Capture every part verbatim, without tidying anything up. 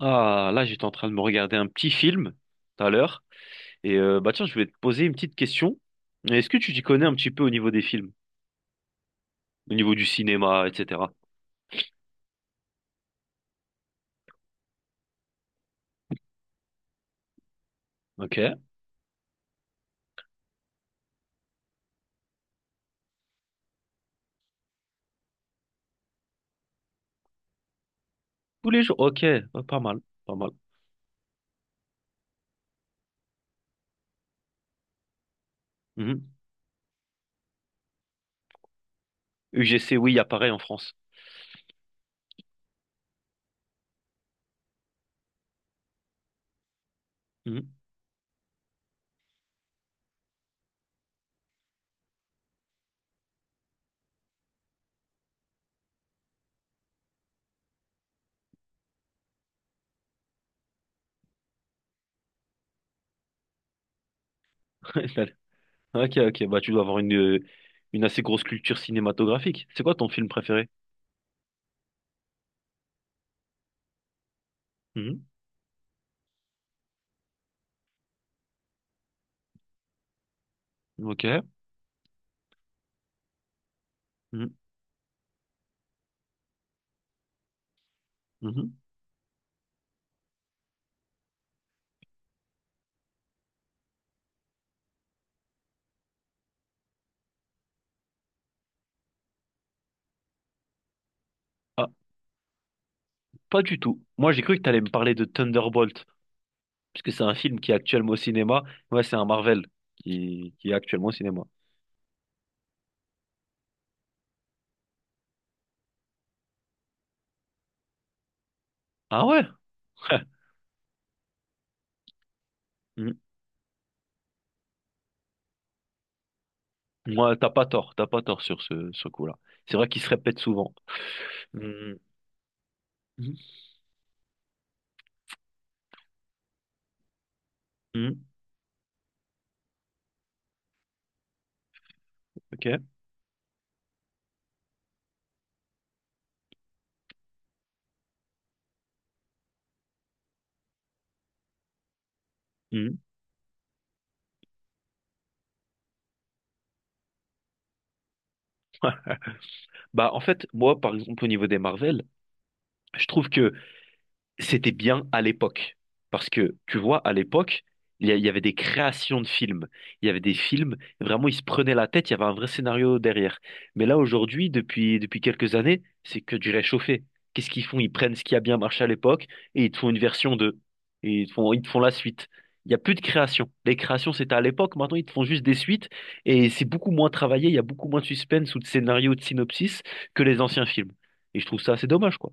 Ah, là, j'étais en train de me regarder un petit film tout à l'heure. Et euh, bah tiens, je vais te poser une petite question. Est-ce que tu t'y connais un petit peu au niveau des films, au niveau du cinéma, et cetera? Ok. Tous les jours. Ok. Ah, pas mal. Pas mal. Mhm. U G C, oui, il y a pareil en France. Mhm. Ok, ok. Bah tu dois avoir une, euh, une assez grosse culture cinématographique. C'est quoi ton film préféré? Mhm. Ok. Mhm. Mhm. Ah, pas du tout. Moi, j'ai cru que tu allais me parler de Thunderbolt. Parce que c'est un film qui est actuellement au cinéma. Ouais, c'est un Marvel qui, qui est actuellement au cinéma. Ah ouais? Hmm. Moi, t'as pas tort, t'as pas tort sur ce, ce coup-là. C'est vrai qu'il se répète souvent. Hmm. Hmm. Hmm. Ok. Hmm. Bah, en fait, moi, par exemple, au niveau des Marvel, je trouve que c'était bien à l'époque. Parce que, tu vois, à l'époque, il y, a- il y avait des créations de films. Il y avait des films, vraiment, ils se prenaient la tête, il y avait un vrai scénario derrière. Mais là, aujourd'hui, depuis, depuis quelques années, c'est que du réchauffé. Qu'est-ce qu'ils font? Ils prennent ce qui a bien marché à l'époque et ils te font une version deux. Et ils te font, ils te font la suite. Il n'y a plus de création. Les créations, c'était à l'époque. Maintenant, ils te font juste des suites. Et c'est beaucoup moins travaillé. Il y a beaucoup moins de suspense ou de scénario, de synopsis que les anciens films. Et je trouve ça assez dommage, quoi.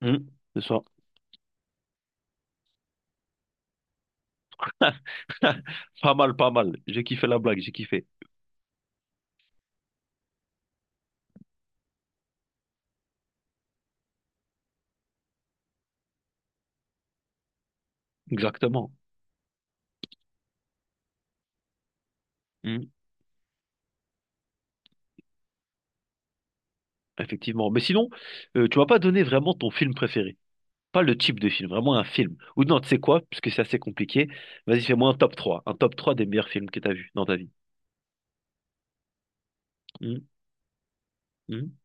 Hum, ce soir. Pas mal, pas mal. J'ai kiffé la blague, j'ai kiffé. Exactement. Hmm, effectivement. Mais sinon, euh, tu m'as pas donné vraiment ton film préféré. Pas le type de film, vraiment un film. Ou non, tu sais quoi, parce que c'est assez compliqué. Vas-y, fais-moi un top trois, un top trois des meilleurs films que tu as vus dans ta vie. Hmm, hmm,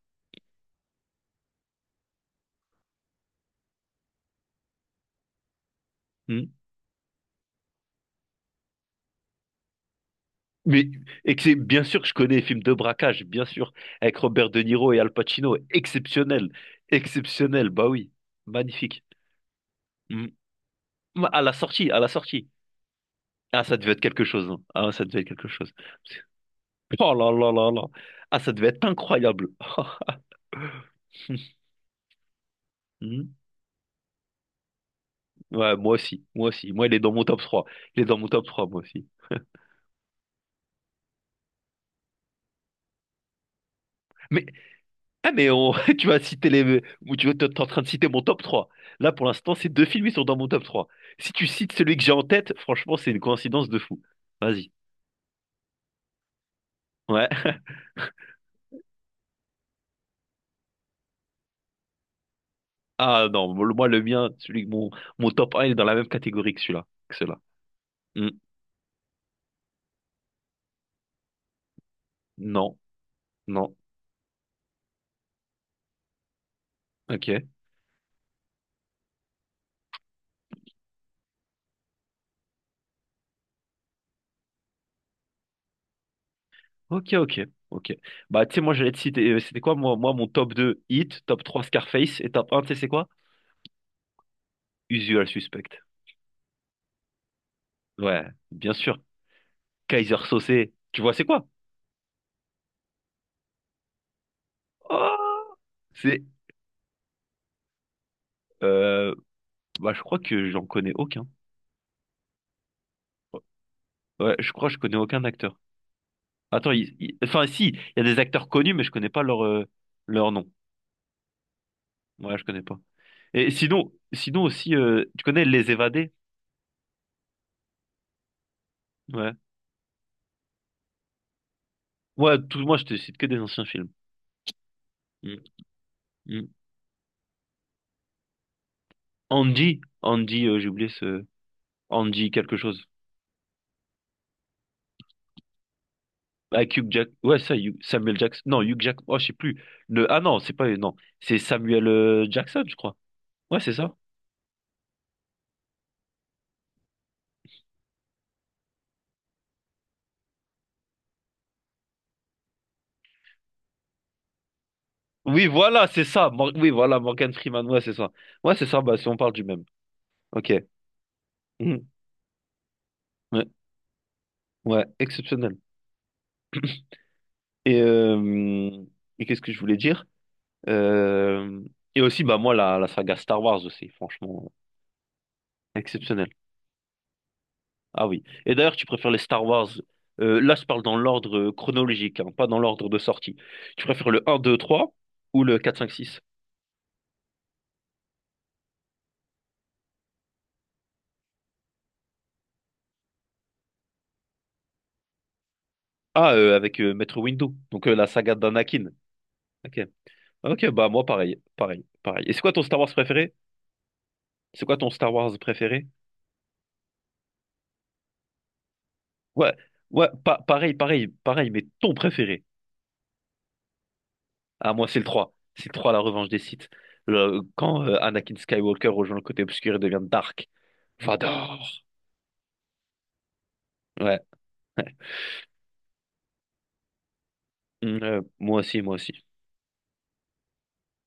hmm. Mais, et que c'est bien sûr que je connais les films de braquage, bien sûr, avec Robert De Niro et Al Pacino. Exceptionnel. Exceptionnel, bah oui. Magnifique. Hmm. À la sortie, à la sortie. Ah, ça devait être quelque chose, hein. Ah, ça devait être quelque chose. Oh là là là là. Ah, ça devait être incroyable. Hmm. Ouais, moi aussi, moi aussi. Moi, il est dans mon top trois. Il est dans mon top trois, moi aussi. Mais, ah, mais on- tu vas citer les... ou tu es en train de citer mon top trois. Là, pour l'instant, ces deux films, ils sont dans mon top trois. Si tu cites celui que j'ai en tête, franchement, c'est une coïncidence de fou. Vas-y. Ouais. Ah non, le- moi, le mien, celui, mon, mon top un, il est dans la même catégorie que celui-là. Que ceux-là. Hmm. Non, non. Ok. Ok, ok, ok. Bah, tu sais, moi, j'allais te citer, euh, c'était quoi, moi, moi, mon top deux Hit, top trois Scarface, et top un, tu sais, c'est quoi? Usual Suspect. Ouais, bien sûr. Kaiser Saucé, tu vois, c'est quoi? Oh, c'est, euh, bah, je crois que j'en connais aucun. Ouais, je crois que je connais aucun acteur. Attends, il- il- enfin, si, il y a des acteurs connus, mais je connais pas leur, euh, leur nom. Ouais, je connais pas. Et sinon, sinon aussi, euh, tu connais Les Évadés? Ouais. Ouais, tout, moi, je te cite que des anciens films. Mm, mm. Andy, Andy, euh, j'ai oublié ce Andy quelque chose. Avec Hugh Jack, ouais ça, Hugh- Samuel Jackson, non Hugh Jack, oh je sais plus. Le... Ah non, c'est pas non, c'est Samuel euh, Jackson, je crois. Ouais c'est ça. Oui voilà, c'est ça. Mor- Oui voilà, Morgan Freeman, ouais c'est ça. Ouais c'est ça, bah si on parle du même. Ok. Mhm. Ouais, ouais, exceptionnel. Et, euh, et qu'est-ce que je voulais dire? Euh, Et aussi bah moi la, la saga Star Wars aussi, franchement exceptionnel. Ah oui. Et d'ailleurs, tu préfères les Star Wars. Euh, là, je parle dans l'ordre euh, chronologique, hein, pas dans l'ordre de sortie. Tu préfères le un, deux, trois ou le quatre, cinq, six? Ah, euh, avec euh, Maître Windu, donc euh, la saga d'Anakin. Ok. Ok, bah moi pareil, pareil, pareil. Et c'est quoi ton Star Wars préféré? C'est quoi ton Star Wars préféré? Ouais, ouais, pa- pareil, pareil, pareil, mais ton préféré. Ah, moi c'est le trois. C'est le trois, la revanche des Sith. Le- quand euh, Anakin Skywalker rejoint le côté obscur et devient Dark Vador. Ouais. Mm, euh, moi aussi, moi aussi.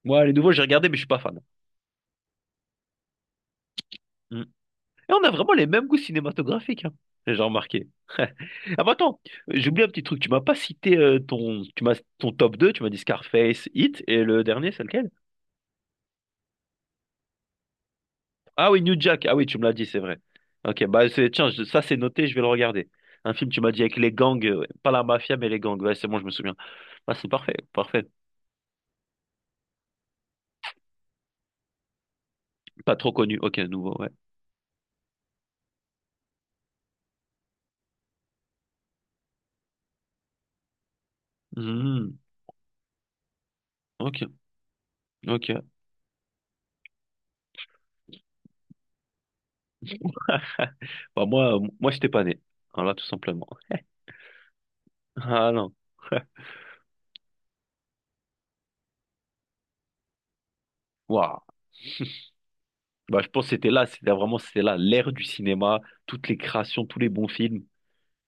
Moi, les nouveaux, j'ai regardé, mais je suis pas fan. Mm. Et on a vraiment les mêmes goûts cinématographiques, hein. J'ai remarqué. Ah, bah attends, j'ai oublié un petit truc. Tu m'as pas cité euh, ton, tu m'as, ton top deux tu m'as dit Scarface, Hit, et le dernier, c'est lequel? Ah oui, New Jack. Ah oui, tu me l'as dit, c'est vrai. Ok, bah c'est- tiens, je- ça c'est noté, je vais le regarder. Un film, tu m'as dit, avec les gangs, euh, ouais. Pas la mafia, mais les gangs. Ouais, c'est bon, je me souviens. Ah, c'est parfait, parfait. Pas trop connu. Ok, nouveau, ouais. Mhm. Ok, ok. Bah moi, euh, moi, j'étais pas né. Voilà, tout simplement. Ah non. Waouh. Bah, je pense que c'était là, c'était vraiment c'était là l'ère du cinéma, toutes les créations, tous les bons films.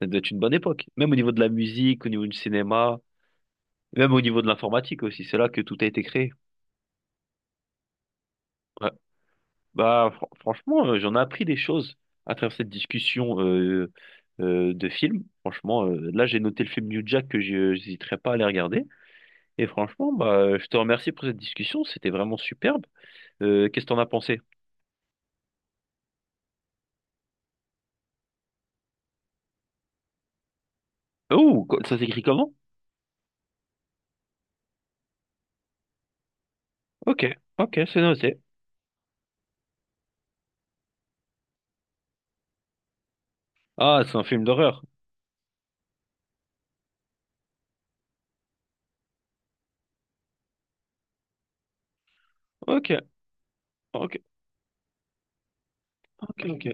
Ça doit être une bonne époque. Même au niveau de la musique, au niveau du cinéma, même au niveau de l'informatique aussi. C'est là que tout a été créé. Ouais. Bah, fr- franchement, euh, j'en ai appris des choses à travers cette discussion euh, euh, de films. Franchement, euh, là, j'ai noté le film New Jack que je n'hésiterai pas à aller regarder. Et franchement, bah, je te remercie pour cette discussion. C'était vraiment superbe. Euh, qu'est-ce que t'en as pensé? Oh, co- ça s'écrit comment? Ok, ok, c'est noté. Ah, c'est un film d'horreur. Ok, ok, ok, ok,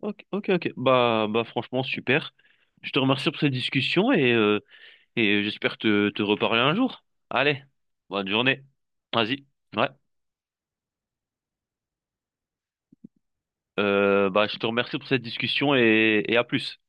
ok, ok, ok. Bah, bah, franchement, super. Je te remercie pour cette discussion et, euh, et j'espère te, te reparler un jour. Allez, bonne journée. Vas-y. Ouais. Euh, bah, je te remercie pour cette discussion et, et à plus.